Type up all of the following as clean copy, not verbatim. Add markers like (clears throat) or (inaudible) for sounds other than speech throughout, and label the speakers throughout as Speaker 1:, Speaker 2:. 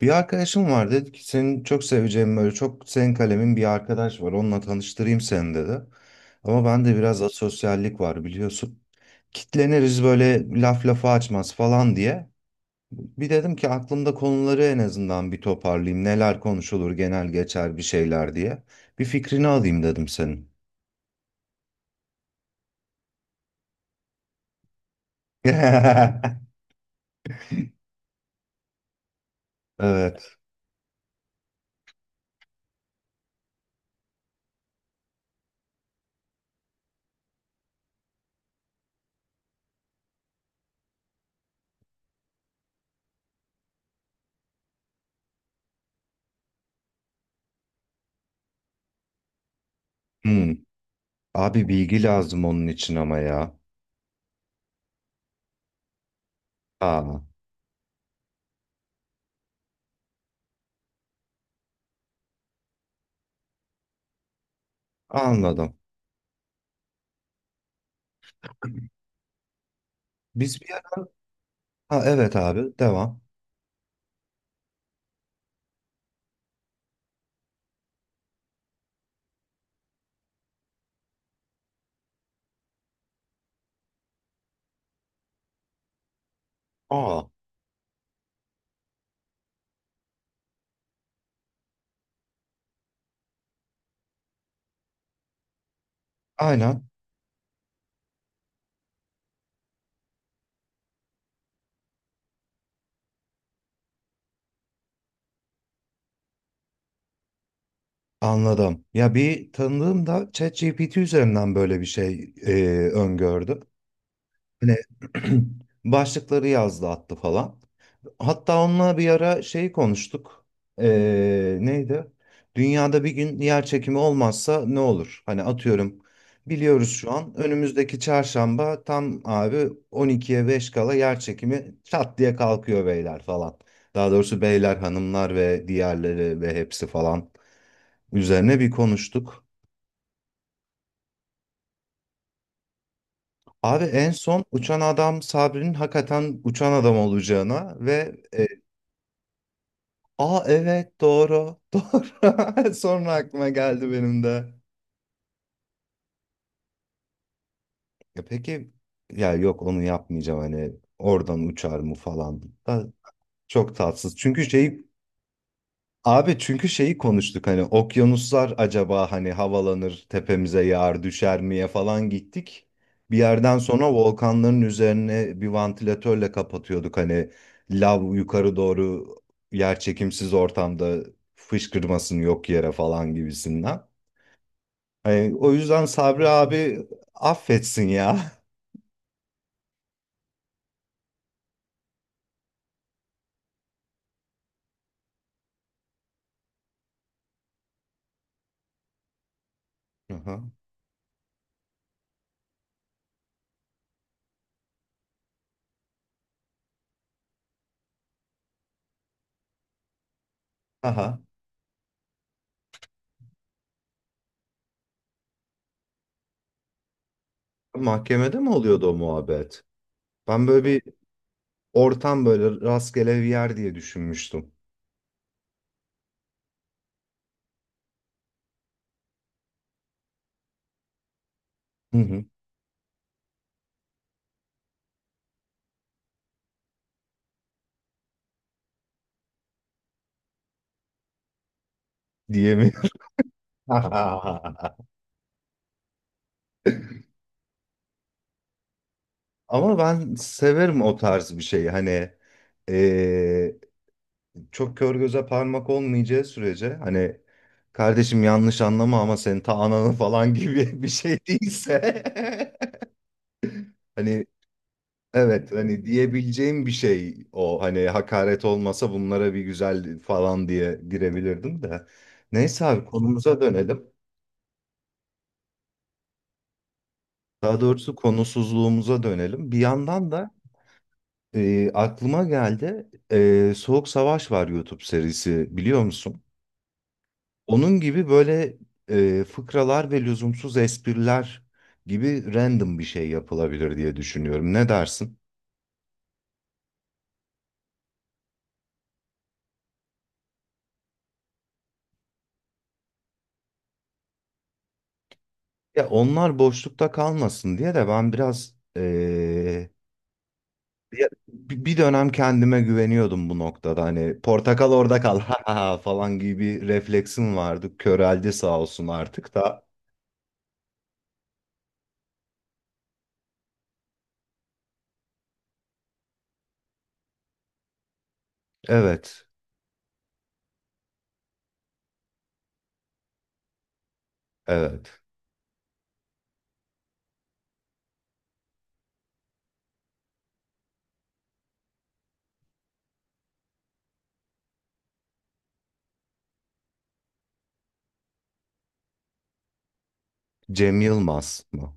Speaker 1: Bir arkadaşım var dedi ki senin çok seveceğin böyle çok senin kalemin bir arkadaş var onunla tanıştırayım seni dedi. Ama bende biraz asosyallik var biliyorsun. Kitleniriz böyle laf lafa açmaz falan diye. Bir dedim ki aklımda konuları en azından bir toparlayayım. Neler konuşulur genel geçer bir şeyler diye. Bir fikrini alayım dedim senin. (laughs) Evet. Hmm. Abi bilgi lazım onun için ama ya. Aa, anladım. Biz bir... Ha, evet abi devam. Aa. Aynen, anladım. Ya bir tanıdığım da ChatGPT üzerinden böyle bir şey öngördü. Hani (clears throat) başlıkları yazdı attı falan. Hatta onunla bir ara şey konuştuk. E, neydi? Dünyada bir gün yer çekimi olmazsa ne olur? Hani atıyorum biliyoruz şu an önümüzdeki çarşamba tam abi 12'ye 5 kala yer çekimi çat diye kalkıyor beyler falan. Daha doğrusu beyler, hanımlar ve diğerleri ve hepsi falan. Üzerine bir konuştuk. Abi en son uçan adam Sabri'nin hakikaten uçan adam olacağına ve aa, evet, doğru. (laughs) Doğru, sonra aklıma geldi benim de. Ya peki, ya yok, onu yapmayacağım. Hani oradan uçar mı falan da çok tatsız. Çünkü şeyi... Abi çünkü şeyi konuştuk, hani okyanuslar acaba hani havalanır tepemize yağar düşer miye falan gittik. Bir yerden sonra volkanların üzerine bir vantilatörle kapatıyorduk, hani lav yukarı doğru yer çekimsiz ortamda fışkırmasın yok yere falan gibisinden. Hani o yüzden Sabri abi affetsin ya. Aha. (laughs) Aha. Mahkemede mi oluyordu o muhabbet? Ben böyle bir ortam, böyle rastgele bir yer diye düşünmüştüm. Hı hı. Diyemiyorum. (laughs) Ama ben severim o tarz bir şeyi. Hani eee, çok kör göze parmak olmayacağı sürece, hani kardeşim yanlış anlama ama senin ta ananı falan gibi (laughs) bir şey değilse. (laughs) Hani evet, hani diyebileceğim bir şey o, hani hakaret olmasa bunlara bir güzel falan diye girebilirdim de. Neyse abi, konumuza dönelim. Daha doğrusu konusuzluğumuza dönelim. Bir yandan da aklıma geldi. Soğuk Savaş var YouTube serisi, biliyor musun? Onun gibi böyle fıkralar ve lüzumsuz espriler gibi random bir şey yapılabilir diye düşünüyorum. Ne dersin? Ya onlar boşlukta kalmasın diye de ben biraz ya bir dönem kendime güveniyordum bu noktada. Hani "portakal orada kal (laughs) ha ha ha" falan gibi bir refleksim vardı. Köreldi sağ olsun artık da. Evet, evet. Cem Yılmaz mı?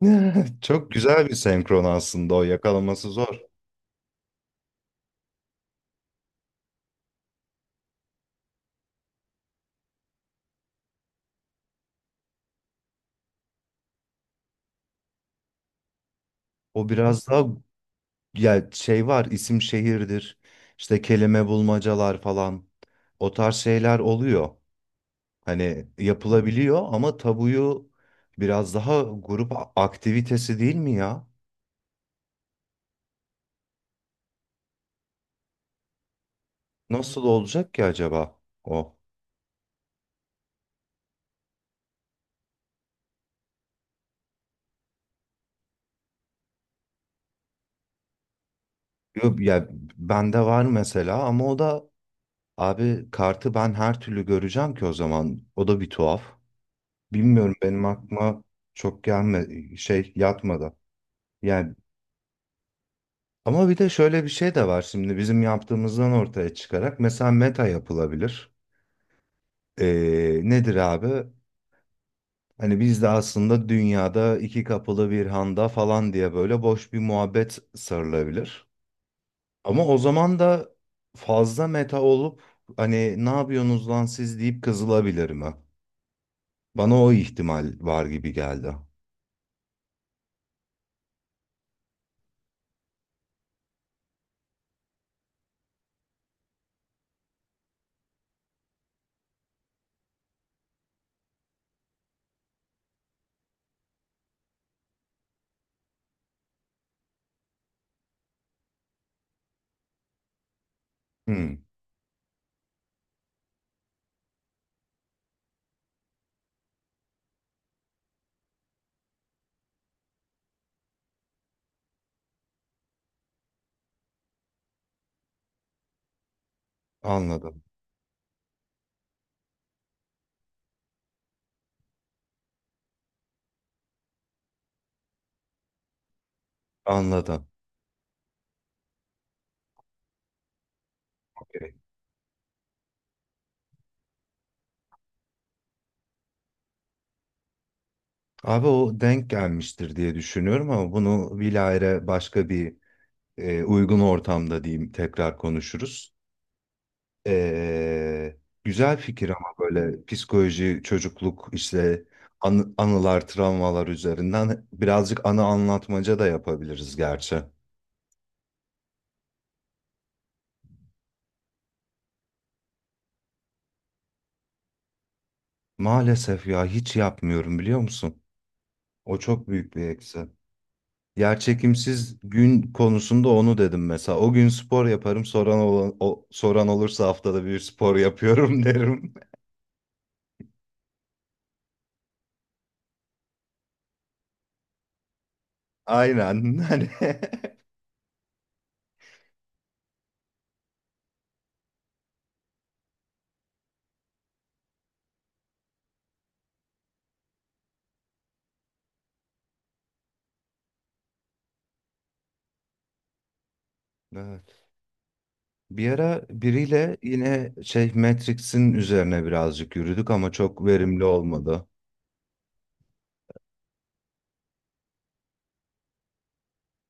Speaker 1: (laughs) Çok güzel bir senkron aslında, o yakalaması zor. O biraz daha, ya şey var, isim şehirdir. İşte kelime bulmacalar falan. O tarz şeyler oluyor. Hani yapılabiliyor ama tabuyu biraz daha grup aktivitesi, değil mi ya? Nasıl olacak ki acaba o? Yok ya, bende var mesela ama o da, abi kartı ben her türlü göreceğim ki o zaman. O da bir tuhaf. Bilmiyorum, benim aklıma çok gelme, şey, yatmadı. Yani ama bir de şöyle bir şey de var, şimdi bizim yaptığımızdan ortaya çıkarak mesela meta yapılabilir. Nedir abi? Hani biz de aslında "dünyada iki kapılı bir handa" falan diye böyle boş bir muhabbet sarılabilir. Ama o zaman da fazla meta olup hani "ne yapıyorsunuz lan siz" deyip kızılabilir mi? Bana o ihtimal var gibi geldi. Hmm, anladım. Anladım. Abi o denk gelmiştir diye düşünüyorum ama bunu bilahare başka bir uygun ortamda diyeyim, tekrar konuşuruz. E, güzel fikir ama böyle psikoloji, çocukluk, işte anılar, travmalar üzerinden birazcık anı anlatmaca da yapabiliriz gerçi. Maalesef ya, hiç yapmıyorum, biliyor musun? O çok büyük bir eksi. Yerçekimsiz gün konusunda onu dedim mesela. O gün spor yaparım. Soran olursa haftada bir spor yapıyorum (laughs) derim. Aynen. Hani (laughs) evet. Bir ara biriyle yine şey Matrix'in üzerine birazcık yürüdük ama çok verimli olmadı.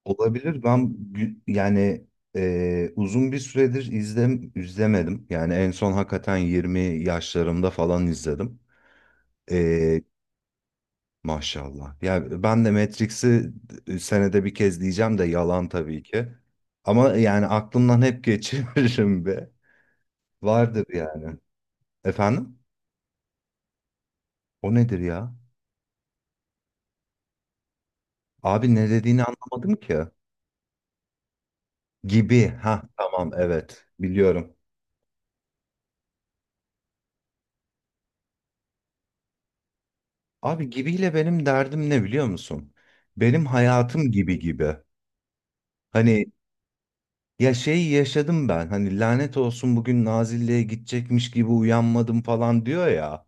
Speaker 1: Olabilir. Ben yani uzun bir süredir izlemedim. Yani en son hakikaten 20 yaşlarımda falan izledim. E, maşallah. Ya ben de Matrix'i senede bir kez diyeceğim de yalan tabii ki. Ama yani aklımdan hep (laughs) geçiririm be. Vardır yani. Efendim? O nedir ya? Abi ne dediğini anlamadım ki. Gibi. Ha, tamam, evet. Biliyorum. Abi gibiyle benim derdim ne, biliyor musun? Benim hayatım gibi gibi. Hani ya şey, yaşadım ben. Hani "lanet olsun, bugün Nazilli'ye gidecekmiş gibi uyanmadım" falan diyor ya.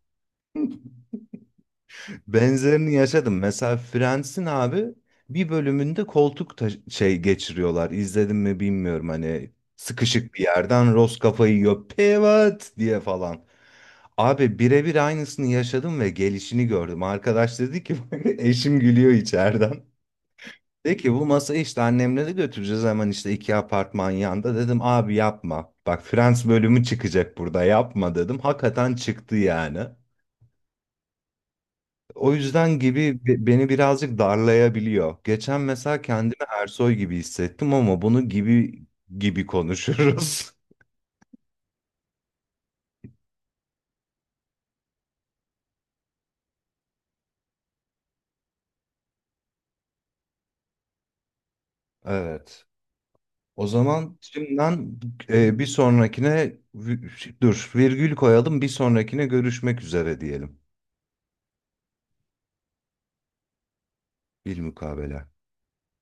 Speaker 1: Benzerini yaşadım. Mesela Friends'in abi bir bölümünde koltuk şey geçiriyorlar. İzledim mi bilmiyorum, hani sıkışık bir yerden Ross kafayı yiyor "pivot" diye falan. Abi birebir aynısını yaşadım ve gelişini gördüm. Arkadaş dedi ki (laughs) eşim gülüyor içeriden. Dedi ki bu masayı işte annemle de götüreceğiz hemen, işte iki apartman yanda. Dedim abi yapma. Bak, Friends bölümü çıkacak burada, yapma dedim. Hakikaten çıktı yani. O yüzden Gibi beni birazcık darlayabiliyor. Geçen mesela kendimi Ersoy gibi hissettim ama bunu Gibi gibi konuşuruz. (laughs) Evet. O zaman şimdiden bir sonrakine dur, virgül koyalım, bir sonrakine görüşmek üzere diyelim. Bilmukabele.